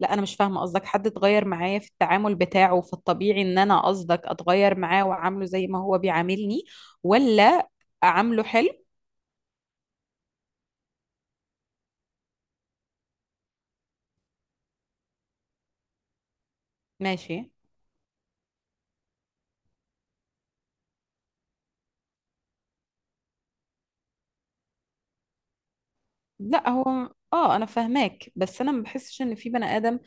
لا، انا مش فاهمه قصدك. حد اتغير معايا في التعامل بتاعه، فالطبيعي ان انا قصدك اتغير معاه واعامله زي ما هو بيعاملني، ولا اعامله حلو؟ ماشي. لا، هو انا فاهماك، بس انا ما بحسش ان في بني ادم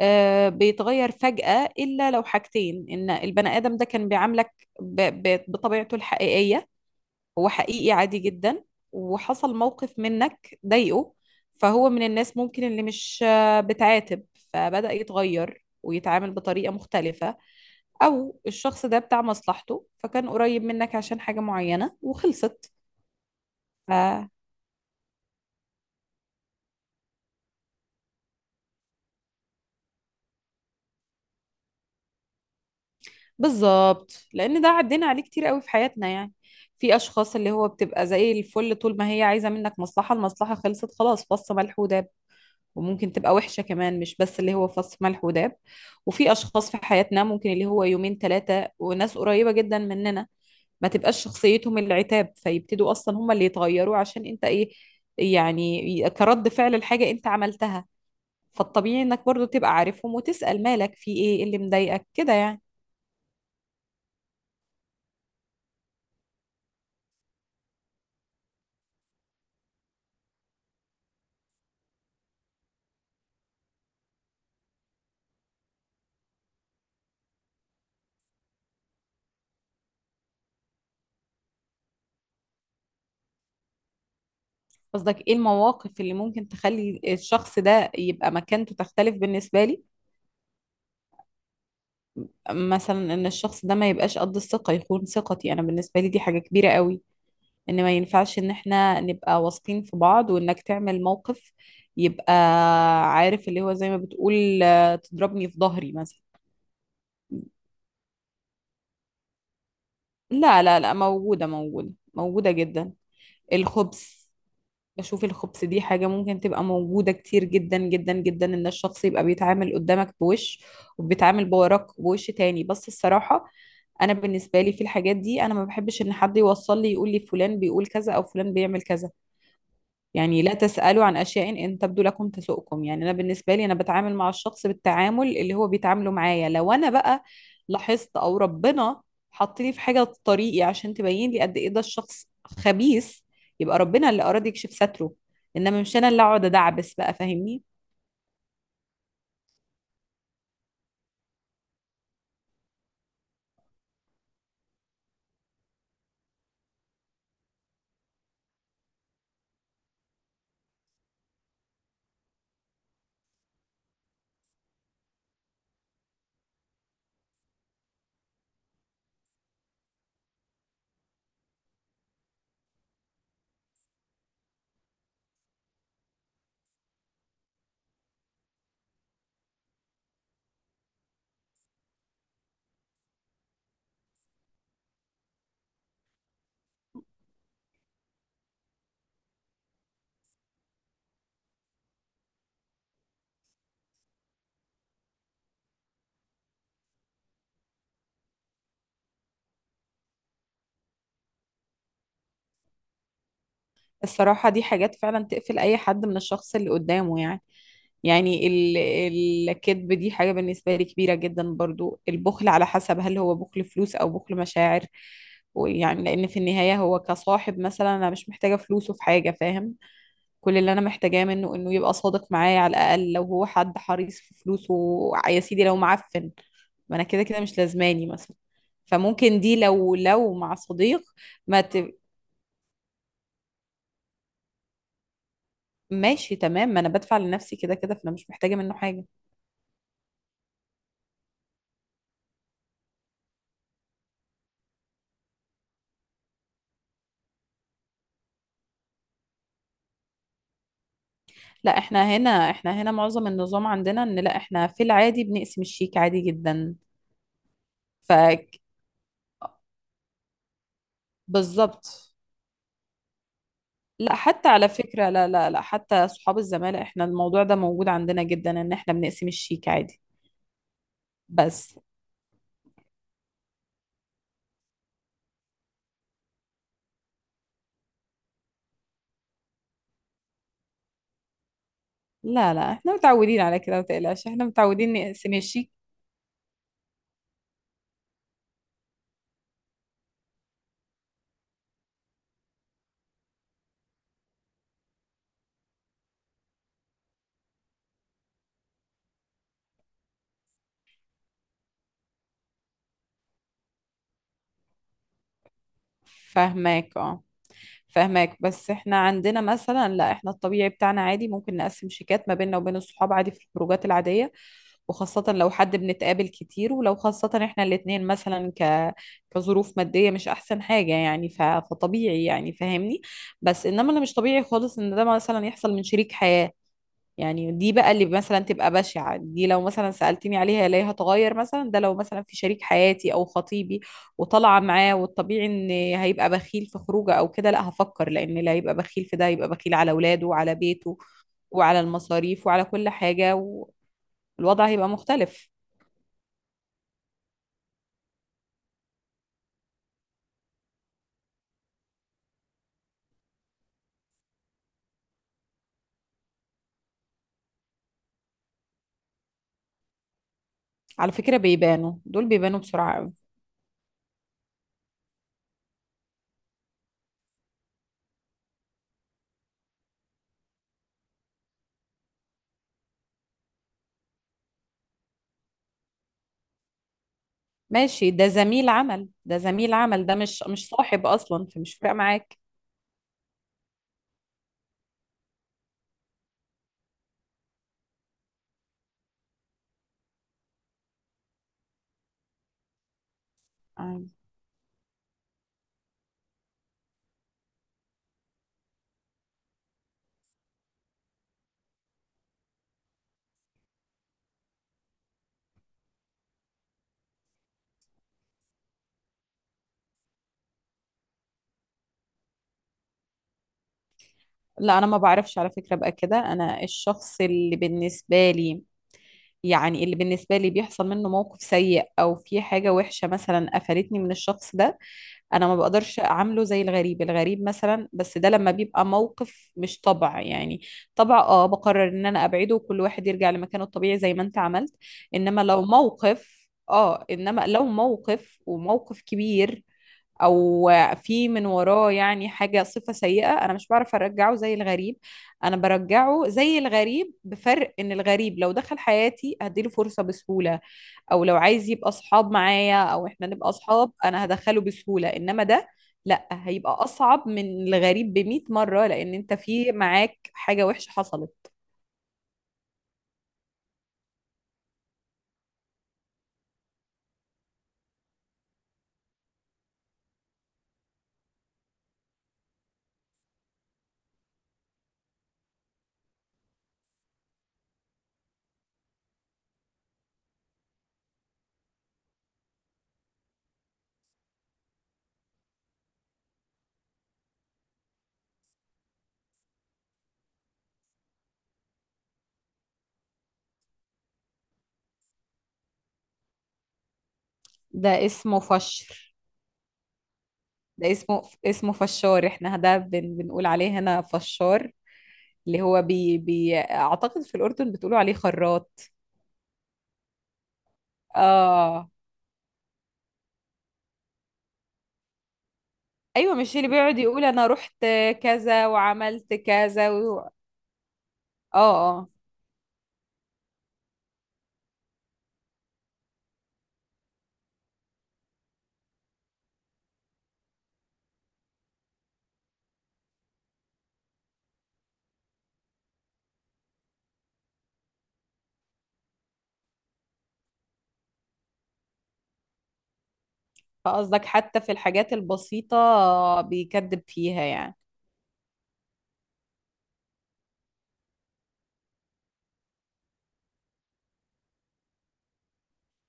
بيتغير فجأة، الا لو حاجتين: ان البني ادم ده كان بيعاملك بطبيعته الحقيقية، هو حقيقي عادي جدا، وحصل موقف منك ضايقه، فهو من الناس ممكن اللي مش بتعاتب، فبدأ يتغير ويتعامل بطريقة مختلفة. أو الشخص ده بتاع مصلحته، فكان قريب منك عشان حاجة معينة وخلصت. آه، بالظبط، لأن ده عدينا عليه كتير قوي في حياتنا يعني. في أشخاص اللي هو بتبقى زي الفل طول ما هي عايزة منك مصلحة، المصلحة خلصت خلاص فص ملح وداب. وممكن تبقى وحشة كمان، مش بس اللي هو فص ملح وداب. وفي أشخاص في حياتنا ممكن اللي هو يومين ثلاثة، وناس قريبة جدا مننا ما تبقاش شخصيتهم العتاب، فيبتدوا أصلا هم اللي يتغيروا عشان أنت إيه، يعني كرد فعل الحاجة أنت عملتها. فالطبيعي إنك برضو تبقى عارفهم وتسأل مالك، في إيه، إيه اللي مضايقك كده يعني. قصدك إيه المواقف اللي ممكن تخلي الشخص ده يبقى مكانته تختلف بالنسبة لي؟ مثلا إن الشخص ده ما يبقاش قد الثقة، يخون ثقتي. أنا بالنسبة لي دي حاجة كبيرة قوي، ان ما ينفعش ان احنا نبقى واثقين في بعض وانك تعمل موقف يبقى عارف اللي هو زي ما بتقول، آه، تضربني في ظهري مثلا. لا موجودة، موجودة جدا. الخبث. بشوف الخبث دي حاجة ممكن تبقى موجودة كتير جدا جدا جدا، ان الشخص يبقى بيتعامل قدامك بوش وبيتعامل بوراك بوش تاني. بس الصراحة انا بالنسبة لي في الحاجات دي انا ما بحبش ان حد يوصل لي يقول لي فلان بيقول كذا او فلان بيعمل كذا. يعني لا تسألوا عن أشياء إن تبدو لكم تسؤكم. يعني أنا بالنسبة لي أنا بتعامل مع الشخص بالتعامل اللي هو بيتعامله معايا. لو أنا بقى لاحظت، أو ربنا حطني في حاجة في طريقي عشان تبين لي قد إيه ده الشخص خبيث، يبقى ربنا اللي أراد يكشف ستره. إنما مش أنا اللي أقعد أدعبس، بقى فاهمني. الصراحة دي حاجات فعلا تقفل أي حد من الشخص اللي قدامه يعني. يعني الكذب دي حاجة بالنسبة لي كبيرة جدا، برضو البخل على حسب هل هو بخل فلوس أو بخل مشاعر. ويعني لأن في النهاية هو كصاحب مثلا، أنا مش محتاجة فلوسه في حاجة فاهم. كل اللي أنا محتاجاه منه إنه يبقى صادق معايا على الأقل. لو هو حد حريص في فلوسه يا سيدي، لو معفن، ما أنا كده كده مش لازماني مثلا. فممكن دي لو مع صديق. ما ت... ماشي تمام، ما أنا بدفع لنفسي كده كده، فأنا مش محتاجة منه حاجة. لا، احنا هنا معظم النظام عندنا ان لا، احنا في العادي بنقسم الشيك عادي جدا. ف بالظبط. لا حتى على فكرة، لا حتى صحاب الزمالة احنا الموضوع ده موجود عندنا جدا، ان احنا بنقسم الشيك عادي. بس لا احنا متعودين على كده، متقلقش احنا متعودين نقسم الشيك. فاهماك اه. فاهماك، بس احنا عندنا مثلا، لا احنا الطبيعي بتاعنا عادي ممكن نقسم شيكات ما بيننا وبين الصحاب عادي في الخروجات العادية. وخاصة لو حد بنتقابل كتير، ولو خاصة احنا الاتنين مثلا كظروف مادية مش احسن حاجة يعني، فطبيعي يعني فاهمني. بس انما اللي مش طبيعي خالص ان ده مثلا يحصل من شريك حياة. يعني دي بقى اللي مثلا تبقى بشعة. دي لو مثلا سألتني عليها ليه هتغير، مثلا ده لو مثلا في شريك حياتي او خطيبي وطالعة معاه، والطبيعي ان هيبقى بخيل في خروجه او كده، لا هفكر، لان اللي هيبقى بخيل في ده هيبقى بخيل على اولاده وعلى بيته وعلى المصاريف وعلى كل حاجة، والوضع هيبقى مختلف. على فكرة بيبانوا دول، بيبانوا بسرعة قوي. ماشي، ده زميل عمل، ده زميل عمل، ده مش صاحب اصلا، فمش فارق معاك. عادي. لا انا ما بعرفش على فكرة بقى كده. انا الشخص اللي بالنسبة لي، يعني اللي بالنسبة لي بيحصل منه موقف سيء او في حاجة وحشة مثلا قفلتني من الشخص ده، انا ما بقدرش اعامله زي الغريب. الغريب مثلا، بس ده لما بيبقى موقف مش طبع يعني. طبع اه بقرر ان انا ابعده وكل واحد يرجع لمكانه الطبيعي زي ما انت عملت. انما لو موقف اه، انما لو موقف وموقف كبير، او في من وراه يعني حاجة صفة سيئة، انا مش بعرف ارجعه زي الغريب. انا برجعه زي الغريب، بفرق ان الغريب لو دخل حياتي هديله فرصة بسهولة، او لو عايز يبقى اصحاب معايا او احنا نبقى اصحاب انا هدخله بسهولة. انما ده لا، هيبقى اصعب من الغريب بمئة مرة، لان انت في معاك حاجة وحشة حصلت. ده اسمه فشر. ده اسمه فشار، احنا ده بنقول عليه هنا فشار. اللي هو بي اعتقد في الاردن بتقولوا عليه خراط. اه، ايوه، مش اللي بيقعد يقول انا رحت كذا وعملت كذا. اه. اه، فقصدك حتى في الحاجات البسيطة بيكذب فيها يعني.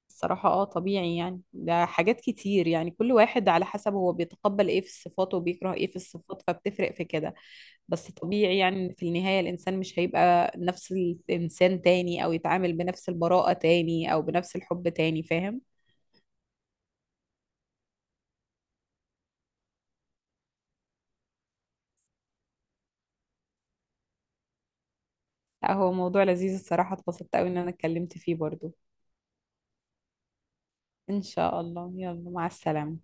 الصراحة اه طبيعي يعني، ده حاجات كتير يعني، كل واحد على حسب هو بيتقبل ايه في الصفات وبيكره ايه في الصفات، فبتفرق في كده. بس طبيعي يعني إن في النهاية الإنسان مش هيبقى نفس الإنسان تاني، أو يتعامل بنفس البراءة تاني أو بنفس الحب تاني، فاهم. لا هو موضوع لذيذ الصراحة، اتبسطت أوي إن أنا اتكلمت فيه برضو. إن شاء الله، يلا مع السلامة.